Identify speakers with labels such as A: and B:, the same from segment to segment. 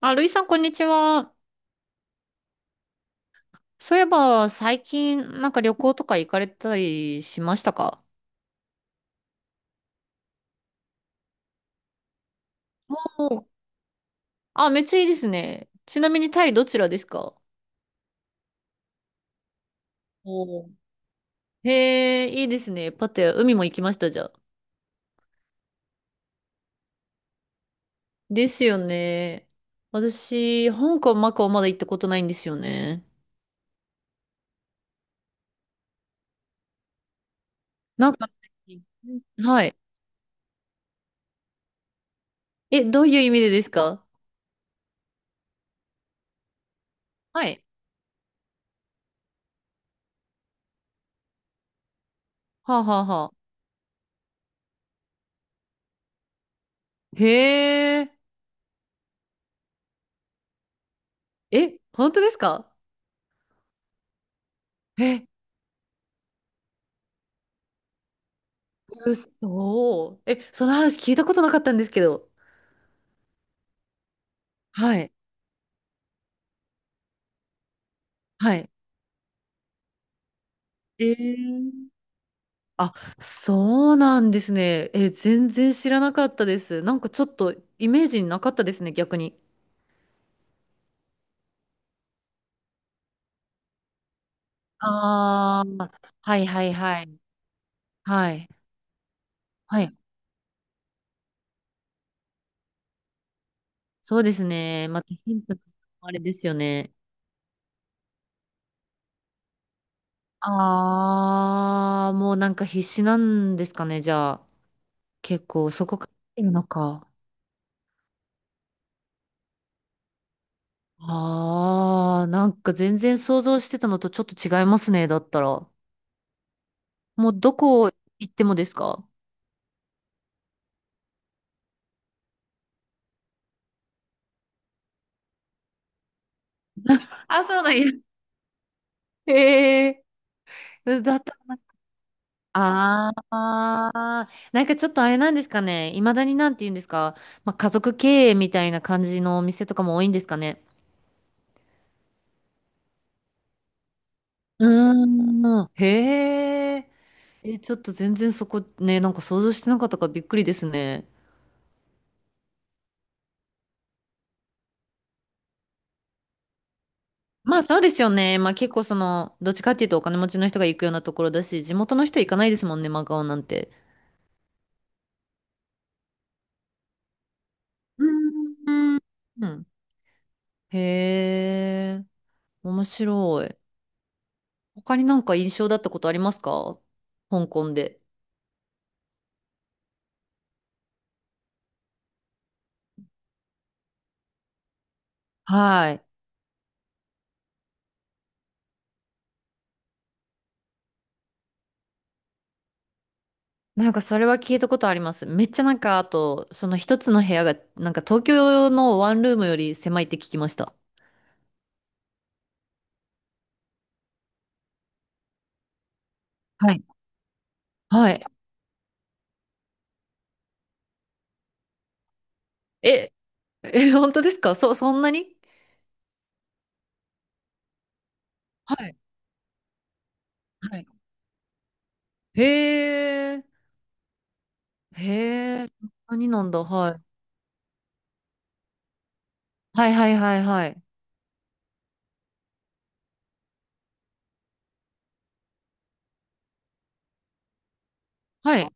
A: あ、ルイさん、こんにちは。そういえば、最近、旅行とか行かれたりしましたか？おう、あ、めっちゃいいですね。ちなみに、タイどちらですか？おうへえ、いいですね。パテ、海も行きました、じゃあ。ですよね。私、香港、マカオまだ行ったことないんですよね。なんか、はい。え、どういう意味でですか？はい。はあ、はあはあ。へえ。え、本当ですか？え、うそ、え、その話聞いたことなかったんですけど。はい。はい。えー、あ、そうなんですね。え、全然知らなかったです。ちょっとイメージになかったですね、逆に。ああ、はいはいはい。はい。はい。そうですね。またヒントとしてもあれですよね。ああ、もう必死なんですかね、じゃあ。結構そこから来てるのか。ああ、全然想像してたのとちょっと違いますね、だったら。もうどこ行ってもですか？あ、そうなんや。へえ。だったら、ああ、ちょっとあれなんですかね。いまだになんて言うんですか。まあ、家族経営みたいな感じのお店とかも多いんですかね。うーん。へえ。え、ちょっと全然そこね、想像してなかったからびっくりですね。まあそうですよね。まあ結構その、どっちかっていうとお金持ちの人が行くようなところだし、地元の人行かないですもんね、マカオなんて。うーん。うん。へえ、面白い。他に印象だったことありますか？香港で。はい。それは聞いたことあります。めっちゃ、あと、その一つの部屋が、東京のワンルームより狭いって聞きました。はい。はい。え、え、本当ですか？そんなに？はい。はい。へえ。へえ、何なんだ、はい。はいはいはいはい。はい。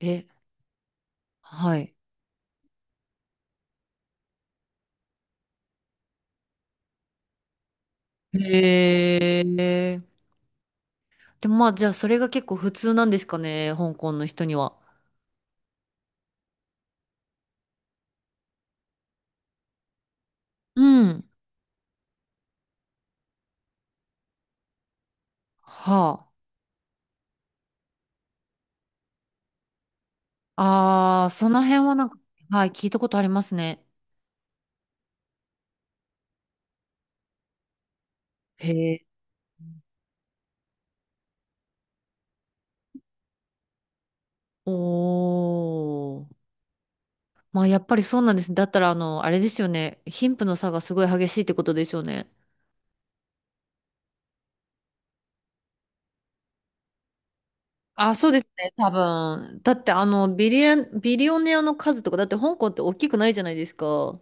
A: え、はい。へえ。でもまあ、じゃあそれが結構普通なんですかね、香港の人には。うん。はあ。ああ、その辺は、はい、聞いたことありますね。へえ。おー。まあ、やっぱりそうなんです。だったら、あの、あれですよね。貧富の差がすごい激しいってことですよね。あ、そうですね、多分。だって、あの、ビリオネアの数とか、だって香港って大きくないじゃないですか。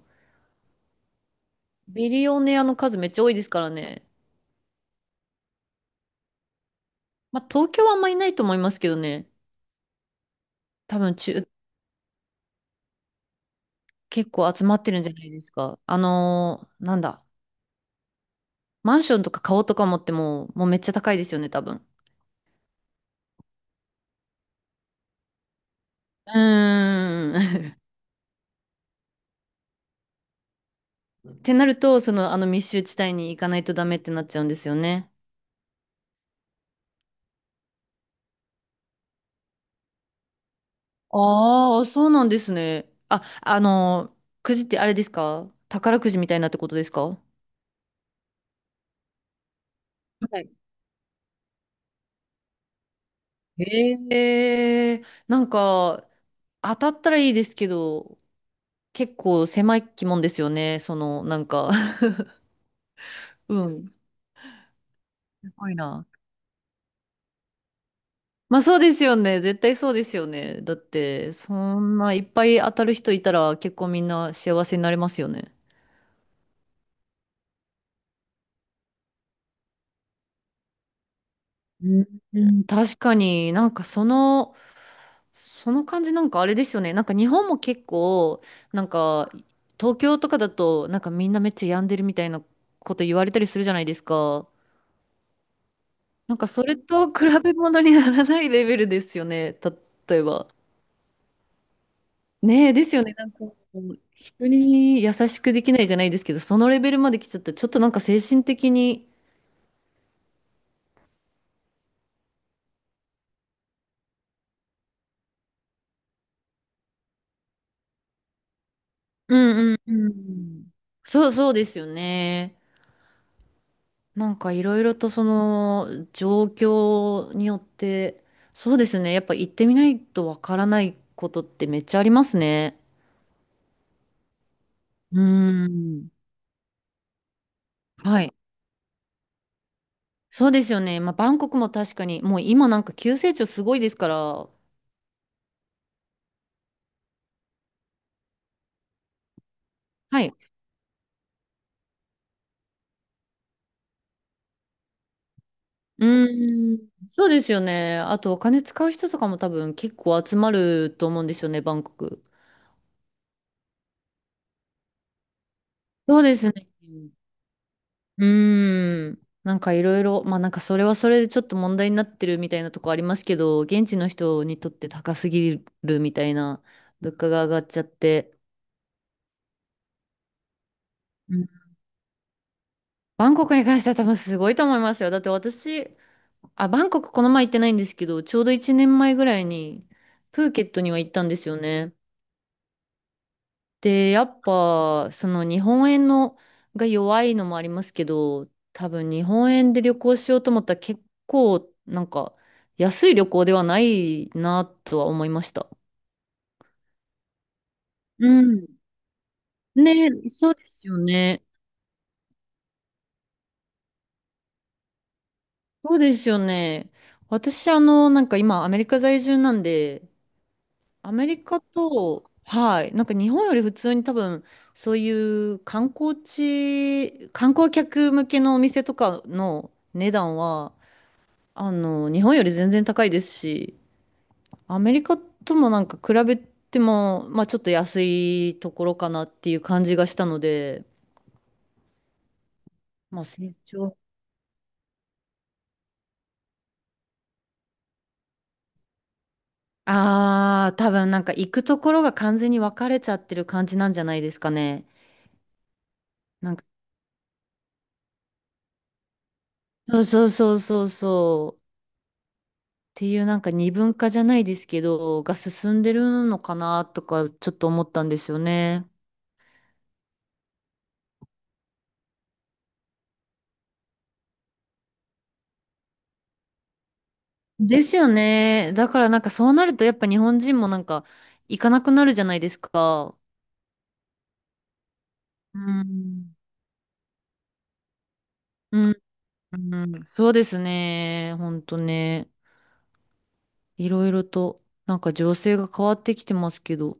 A: ビリオネアの数めっちゃ多いですからね。まあ、東京はあんまりいないと思いますけどね。多分中、結構集まってるんじゃないですか。あのー、なんだ、マンションとか顔とか持っても、もうめっちゃ高いですよね、多分。うーん。ってなると、その、あの密集地帯に行かないとダメってなっちゃうんですよね。ああ、そうなんですね。あ、あの、くじってあれですか？宝くじみたいなってことですか？はい。ええ、当たったらいいですけど、結構狭い気もんですよね。その、うん。すごいな。まあそうですよね。絶対そうですよね。だって、そんないっぱい当たる人いたら結構みんな幸せになれますよね。うん、うん、確かにそのその感じなんかあれですよね。日本も結構、なんか東京とかだと、みんなめっちゃ病んでるみたいなこと言われたりするじゃないですか。それと比べ物にならないレベルですよね。例えば。ねえ、ですよね。こう人に優しくできないじゃないですけど、そのレベルまで来ちゃったら、ちょっと精神的に。うんうんうん。そうそうですよね。いろいろとその状況によって、そうですね。やっぱ行ってみないとわからないことってめっちゃありますね。うーん。はい。そうですよね。まあ、バンコクも確かに、もう今急成長すごいですから。はい。うーん。そうですよね。あとお金使う人とかも多分結構集まると思うんですよね、バンコク。そうですね。うーん。いろいろ、まあそれはそれでちょっと問題になってるみたいなとこありますけど、現地の人にとって高すぎるみたいな物価が上がっちゃって。うん、バンコクに関しては多分すごいと思いますよ。だって私、あ、バンコクこの前行ってないんですけど、ちょうど1年前ぐらいにプーケットには行ったんですよね。で、やっぱ、その日本円のが弱いのもありますけど、多分日本円で旅行しようと思ったら結構、安い旅行ではないなとは思いました。うん。ね、そうですよね。そうですよね。私、あの、今、アメリカ在住なんで、アメリカと、はい、日本より普通に多分、そういう観光地、観光客向けのお店とかの値段は、あの、日本より全然高いですし、アメリカとも比べても、まあちょっと安いところかなっていう感じがしたので、まあ成長。ああ、多分行くところが完全に分かれちゃってる感じなんじゃないですかね。なんか、そうそうそうそうそう。っていう二分化じゃないですけど、が進んでるのかなとかちょっと思ったんですよね。ですよね。だからそうなるとやっぱ日本人も行かなくなるじゃないですか。うん、うん、うん、そうですね。ほんとね。いろいろと、情勢が変わってきてますけど、